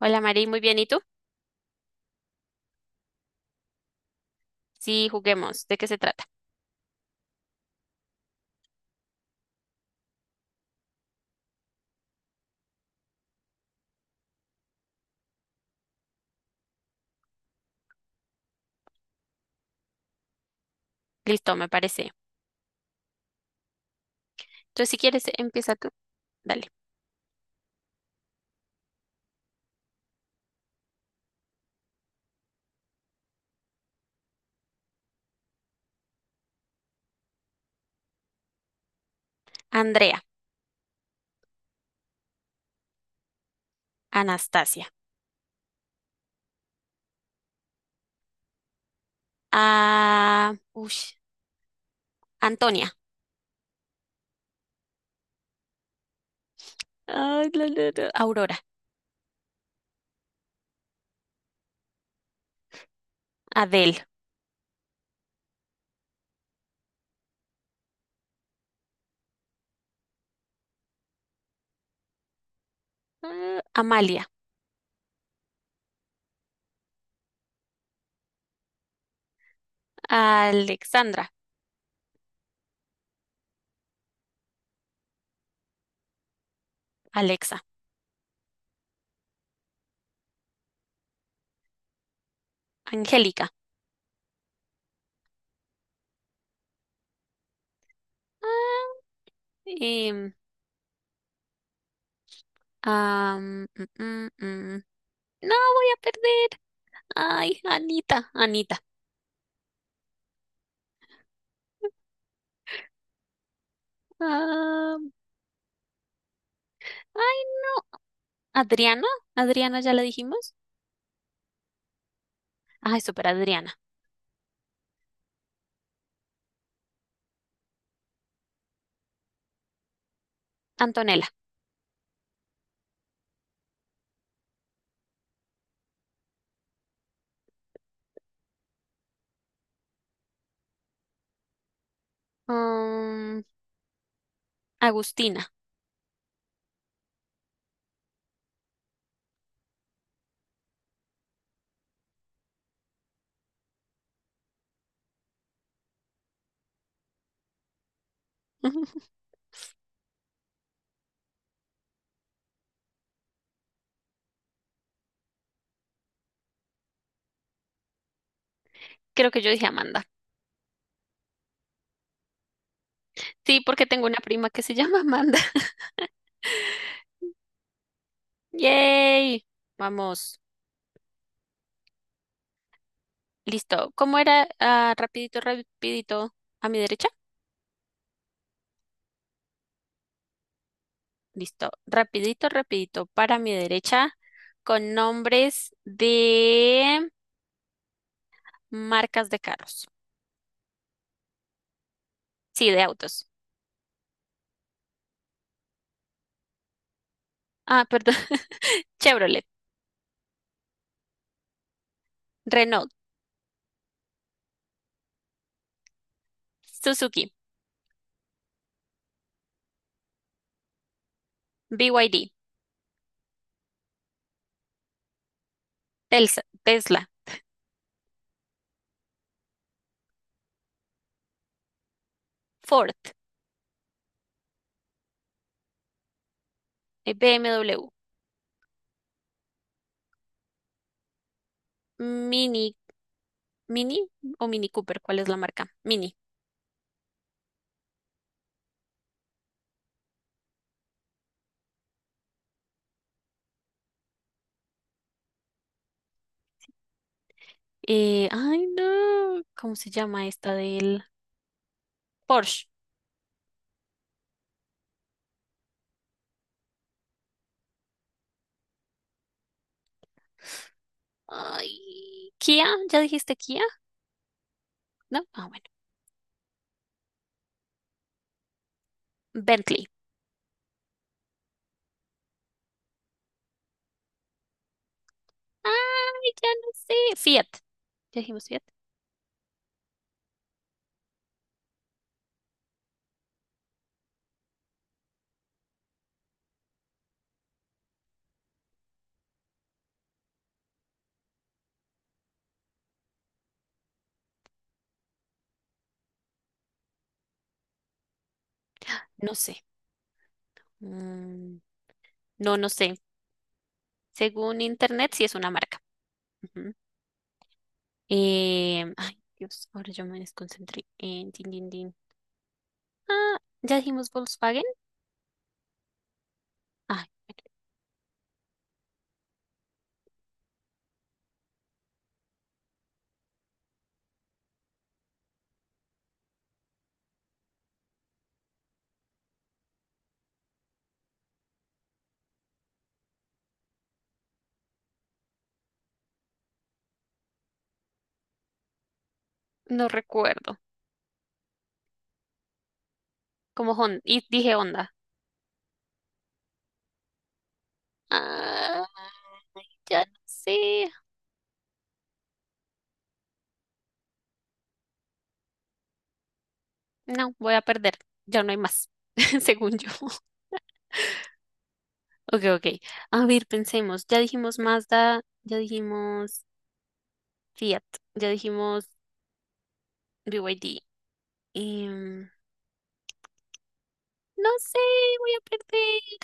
Hola Mari, muy bien. ¿Y tú? Sí, juguemos. ¿De qué se trata? Listo, me parece. Entonces, si quieres, empieza tú. Dale. Andrea, Anastasia, ush, Antonia, ay, la, la, la, Aurora, Adel, Amalia, Alexandra, Alexa, Angélica. Ah, em, am, mm, mm, mm. No, voy a perder. Ay, Anita, Anita. ah, ay, no. Adriana, Adriana, ya la dijimos. Ay, súper Adriana. Antonella. Mm, Agustina. Ujú. Creo que yo dije Amanda. Sí, porque tengo una prima que se llama Amanda. ¡Yay! Vamos. Listo. ¿Cómo era? Ah, rapidito, rapidito. ¿A mi derecha? Listo. Rapidito, rapidito. Para mi derecha. Con nombres de marcas de carros. Sí, de autos. Ah, perdón. Chevrolet, Renault, Suzuki, BYD, Telsa- Tesla, Ford, BMW, Mini Mini o Mini Cooper, ¿cuál es la marca? Mini. Ay, no. ¿Cómo se llama esta del Porsche? Ay, Kia, ¿ya dijiste Kia? ¿No? Ah, bueno. Bentley. Ay, ya no sé. Fiat. ¿Ya dijimos Fiat? No sé. Mm, no, no sé. Según internet, sí es una marca. Ujú. Ay, Dios, ahora yo me desconcentré. En din, din, din. Ah, ¿ya dijimos Volkswagen? Ay, bueno, no recuerdo. Como Honda. Y dije Honda. Ay, ya no sé. No, voy a perder. Ya no hay más, según yo. Ok, ok. A ver, pensemos. Ya dijimos Mazda, ya dijimos Fiat, ya dijimos BYD. Em, no sé, voy a perder.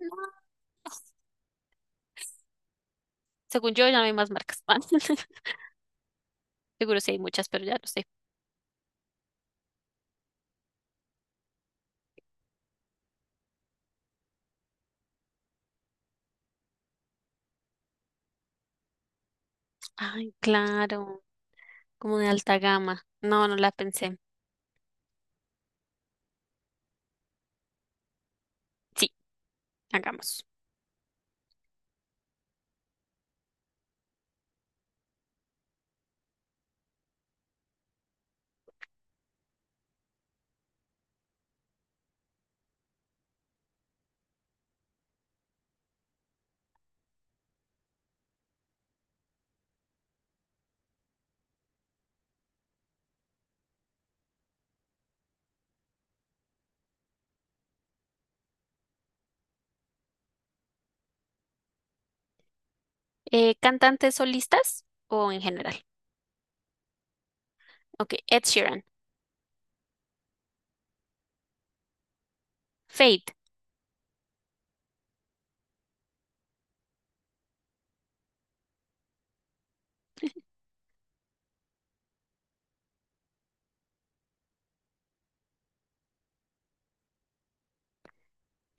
No. Según yo, ya no hay más marcas. Seguro sí hay muchas, pero ya no sé. Ay, claro, como de alta gama. No, no la pensé. Sí, hagamos. ¿Cantantes solistas o en general? Ok, Ed Sheeran, Fate,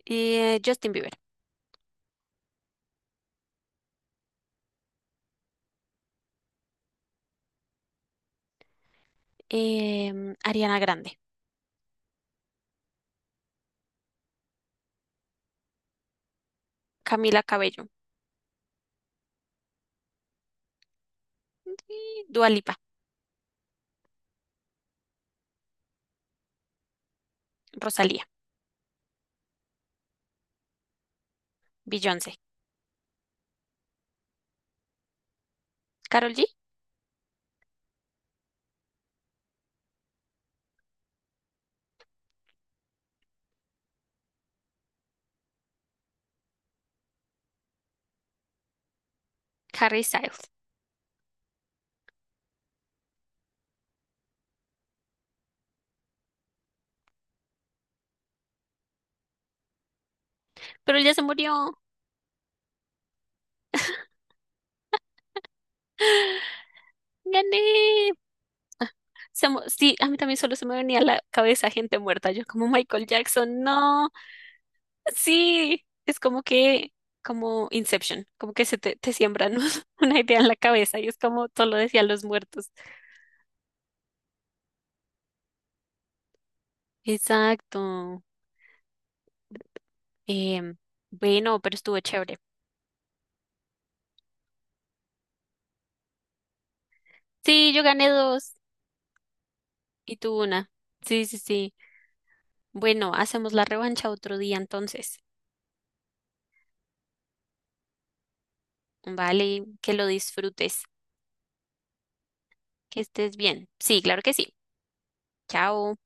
Justin Bieber, Ariana Grande, Camila Cabello, y Dua Lipa, Rosalía, Beyoncé, Karol G, Harry Styles. Pero él ya se murió. ¡Gané! Se mu- sí, a mí también solo se me venía a la cabeza gente muerta. Yo como Michael Jackson, no. Sí, es como que, como Inception, como que se te siembran una idea en la cabeza y es como todo lo decían los muertos. Exacto. Em, bueno, pero estuvo chévere. Sí, yo gané dos. Y tú una. Sí, sí, sí. Bueno, hacemos la revancha otro día entonces. Vale, que lo disfrutes, que estés bien. Sí, claro que sí. Chao.